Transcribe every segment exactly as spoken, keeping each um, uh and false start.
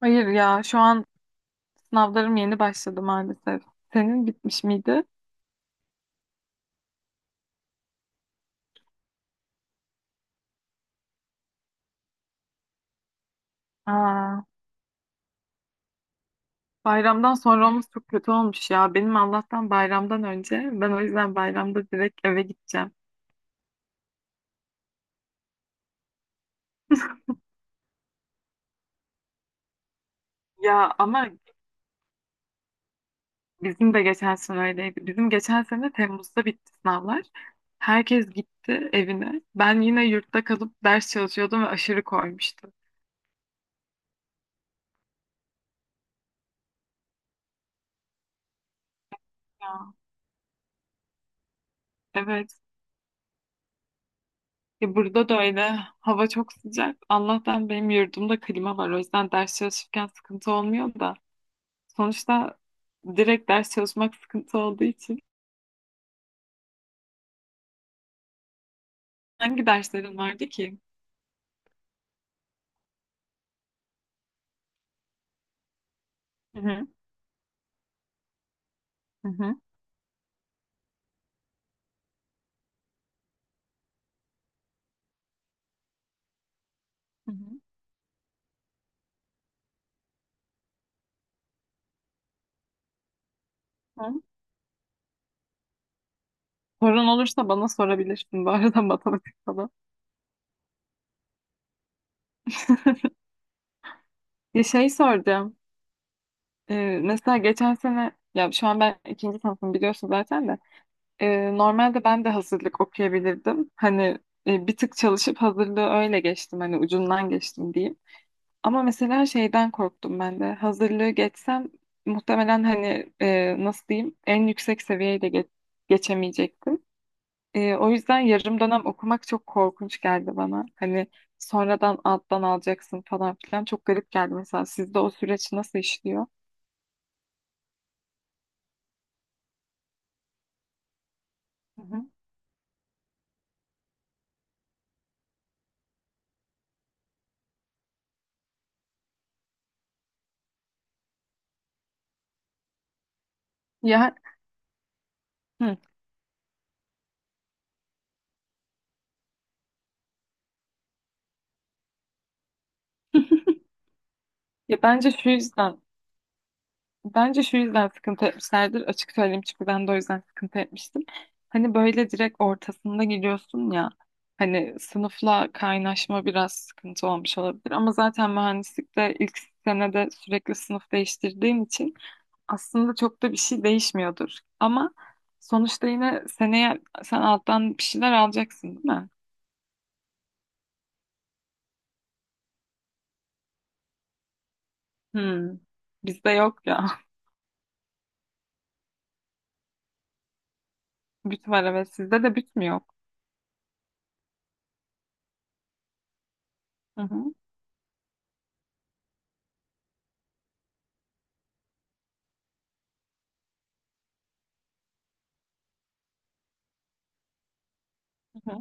Hayır ya şu an sınavlarım yeni başladı maalesef. Senin bitmiş miydi? Aa, bayramdan sonra olması çok kötü olmuş ya. Benim Allah'tan bayramdan önce. Ben o yüzden bayramda direkt eve gideceğim. Ya ama bizim de geçen sene öyleydi. Bizim geçen sene Temmuz'da bitti sınavlar. Herkes gitti evine. Ben yine yurtta kalıp ders çalışıyordum ve aşırı koymuştu. Ya, evet. Ya burada da öyle. Hava çok sıcak. Allah'tan benim yurdumda klima var. O yüzden ders çalışırken sıkıntı olmuyor da. Sonuçta direkt ders çalışmak sıkıntı olduğu için. Hangi derslerin vardı ki? Hı hı, hı hı, hı hı. Hı. Sorun olursa bana sorabilirsin bu arada matematik falan. Ya şey soracağım. Ee, mesela geçen sene ya şu an ben ikinci sınıfım biliyorsun zaten de. Ee, normalde ben de hazırlık okuyabilirdim. Hani e, bir tık çalışıp hazırlığı öyle geçtim. Hani ucundan geçtim diyeyim. Ama mesela şeyden korktum ben de. Hazırlığı geçsem muhtemelen hani e, nasıl diyeyim en yüksek seviyeye de ge- geçemeyecektim. E, o yüzden yarım dönem okumak çok korkunç geldi bana. Hani sonradan alttan alacaksın falan filan çok garip geldi mesela. Sizde o süreç nasıl işliyor? Hı hı. Ya, hı, ya bence şu yüzden Bence şu yüzden sıkıntı etmişlerdir. Açık söyleyeyim çünkü ben de o yüzden sıkıntı etmiştim. Hani böyle direkt ortasında gidiyorsun ya. Hani sınıfla kaynaşma biraz sıkıntı olmuş olabilir. Ama zaten mühendislikte ilk senede sürekli sınıf değiştirdiğim için aslında çok da bir şey değişmiyordur. Ama sonuçta yine seneye sen alttan bir şeyler alacaksın değil mi? Hmm. Bizde yok ya. Büt var evet. Sizde de büt mü yok? Hı hı. Hı hı.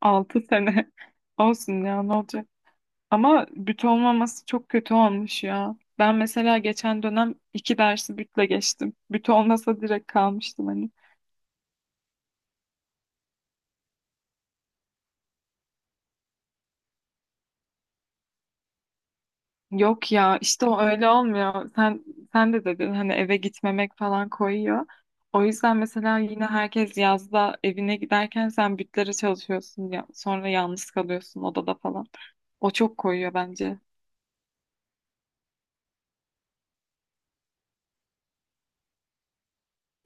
Altı sene. Olsun ya ne olacak? Ama büt olmaması çok kötü olmuş ya. Ben mesela geçen dönem iki dersi bütle geçtim. Büt olmasa direkt kalmıştım hani. Yok ya işte o öyle olmuyor. Sen sen de dedin hani eve gitmemek falan koyuyor. O yüzden mesela yine herkes yazda evine giderken sen bütlere çalışıyorsun ya sonra yalnız kalıyorsun odada falan. O çok koyuyor bence.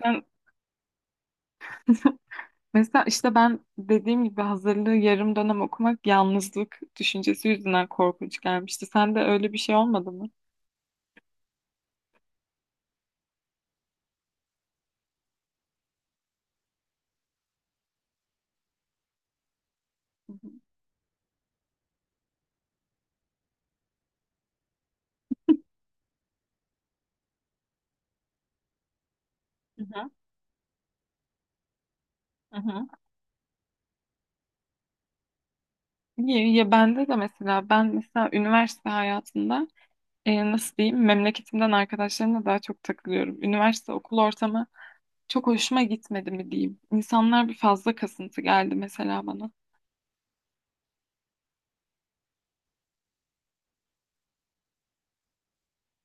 Sen Mesela işte ben dediğim gibi hazırlığı yarım dönem okumak yalnızlık düşüncesi yüzünden korkunç gelmişti. Sen de öyle bir şey olmadı mı? Hı hı. Hı hı. Ya, ya bende de mesela ben mesela üniversite hayatında e, nasıl diyeyim memleketimden arkadaşlarımla daha çok takılıyorum. Üniversite okul ortamı çok hoşuma gitmedi mi diyeyim. İnsanlar bir fazla kasıntı geldi mesela bana.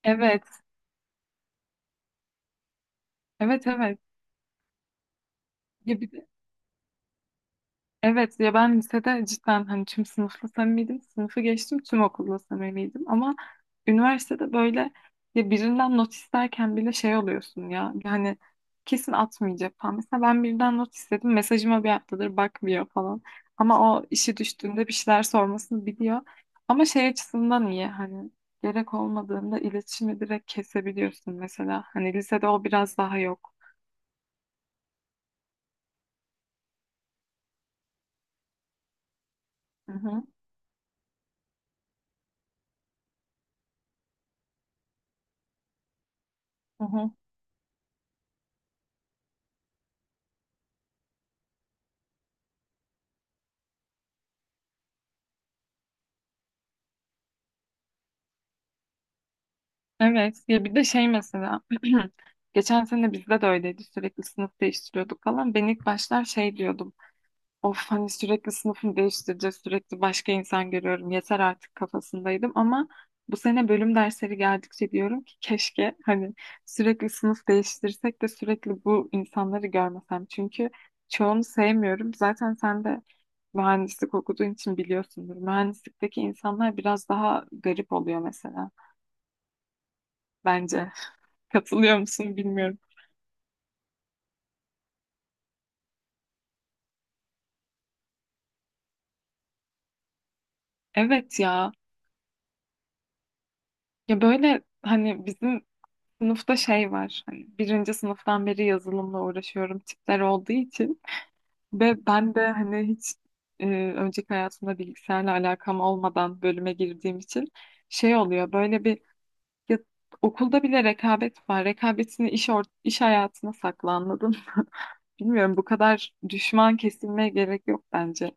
Evet, evet, evet. Ya bir de Evet ya ben lisede cidden hani tüm sınıfla samimiydim. Sınıfı geçtim tüm okulla samimiydim. Ama üniversitede böyle ya birinden not isterken bile şey oluyorsun ya. Yani kesin atmayacak falan. Mesela ben birinden not istedim. Mesajıma bir haftadır bakmıyor falan. Ama o işi düştüğünde bir şeyler sormasını biliyor. Ama şey açısından iyi hani gerek olmadığında iletişimi direkt kesebiliyorsun mesela. Hani lisede o biraz daha yok. Hı hı. Hı hı. Evet ya bir de şey mesela geçen sene bizde de öyleydi sürekli sınıf değiştiriyorduk falan ben ilk başlar şey diyordum of hani sürekli sınıfını değiştireceğiz sürekli başka insan görüyorum yeter artık kafasındaydım ama bu sene bölüm dersleri geldikçe diyorum ki keşke hani sürekli sınıf değiştirsek de sürekli bu insanları görmesem çünkü çoğunu sevmiyorum zaten sen de mühendislik okuduğun için biliyorsundur mühendislikteki insanlar biraz daha garip oluyor mesela bence. Katılıyor musun bilmiyorum. Evet ya. Ya böyle hani bizim sınıfta şey var. Hani birinci sınıftan beri yazılımla uğraşıyorum tipler olduğu için. Ve ben de hani hiç e, önceki hayatımda bilgisayarla alakam olmadan bölüme girdiğim için şey oluyor. Böyle bir ya, okulda bile rekabet var. Rekabetini iş, or iş hayatına sakla anladın mı? Bilmiyorum bu kadar düşman kesilmeye gerek yok bence.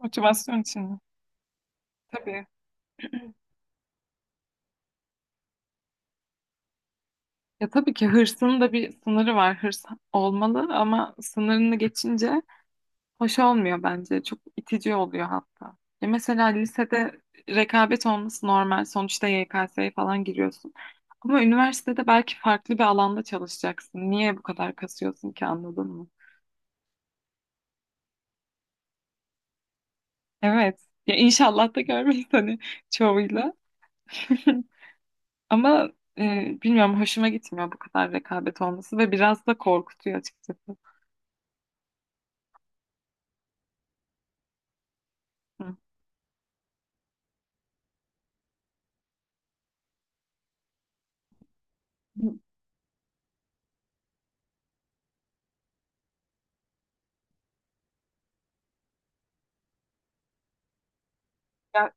Motivasyon için mi? Tabii. Ya tabii ki hırsın da bir sınırı var. Hırs olmalı ama sınırını geçince hoş olmuyor bence. Çok itici oluyor hatta. Ya mesela lisede rekabet olması normal. Sonuçta Y K S'ye falan giriyorsun. Ama üniversitede belki farklı bir alanda çalışacaksın. Niye bu kadar kasıyorsun ki anladın mı? Evet. Ya inşallah da görmeyiz hani çoğuyla. Ama e, bilmiyorum hoşuma gitmiyor bu kadar rekabet olması ve biraz da korkutuyor açıkçası. Hı. Ya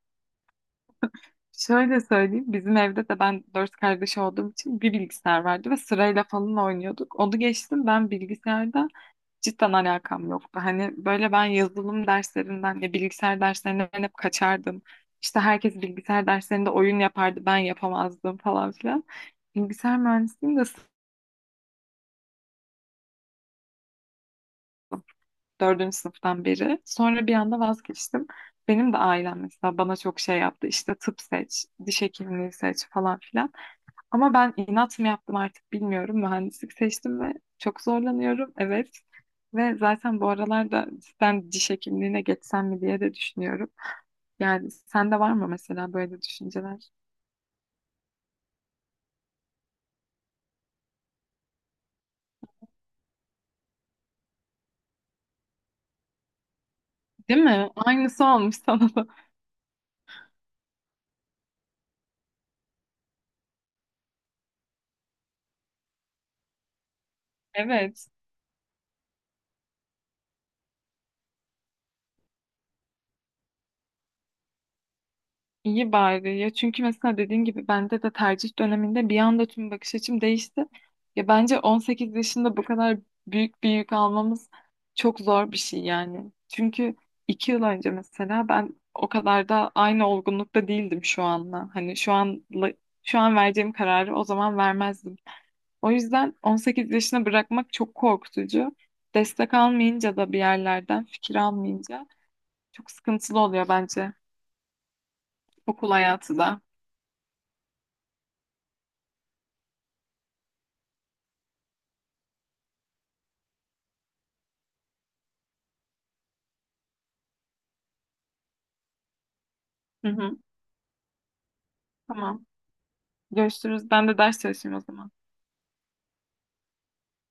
Şöyle söyleyeyim, bizim evde de ben dört kardeş olduğum için bir bilgisayar vardı ve sırayla falan oynuyorduk. Onu geçtim ben bilgisayarda cidden alakam yoktu. Hani böyle ben yazılım derslerinden ya bilgisayar derslerinden hep kaçardım. İşte herkes bilgisayar derslerinde oyun yapardı, ben yapamazdım falan filan. Bilgisayar mühendisliğini de sı- dördüncü sınıftan beri. Sonra bir anda vazgeçtim. Benim de ailem mesela bana çok şey yaptı. İşte tıp seç, diş hekimliği seç falan filan. Ama ben inat mı yaptım artık bilmiyorum. Mühendislik seçtim ve çok zorlanıyorum. Evet. Ve zaten bu aralarda cidden diş hekimliğine geçsem mi diye de düşünüyorum. Yani sende var mı mesela böyle düşünceler? Değil mi? Aynısı olmuş sana da. Evet. İyi bari ya çünkü mesela dediğin gibi bende de tercih döneminde bir anda tüm bakış açım değişti. Ya bence on sekiz yaşında bu kadar büyük bir yük almamız çok zor bir şey yani. Çünkü iki yıl önce mesela ben o kadar da aynı olgunlukta değildim şu anla. Hani şu an şu an vereceğim kararı o zaman vermezdim. O yüzden on sekiz yaşına bırakmak çok korkutucu. Destek almayınca da bir yerlerden fikir almayınca çok sıkıntılı oluyor bence okul hayatı da. Hı hı, tamam. Görüşürüz. Ben de ders çalışayım o zaman.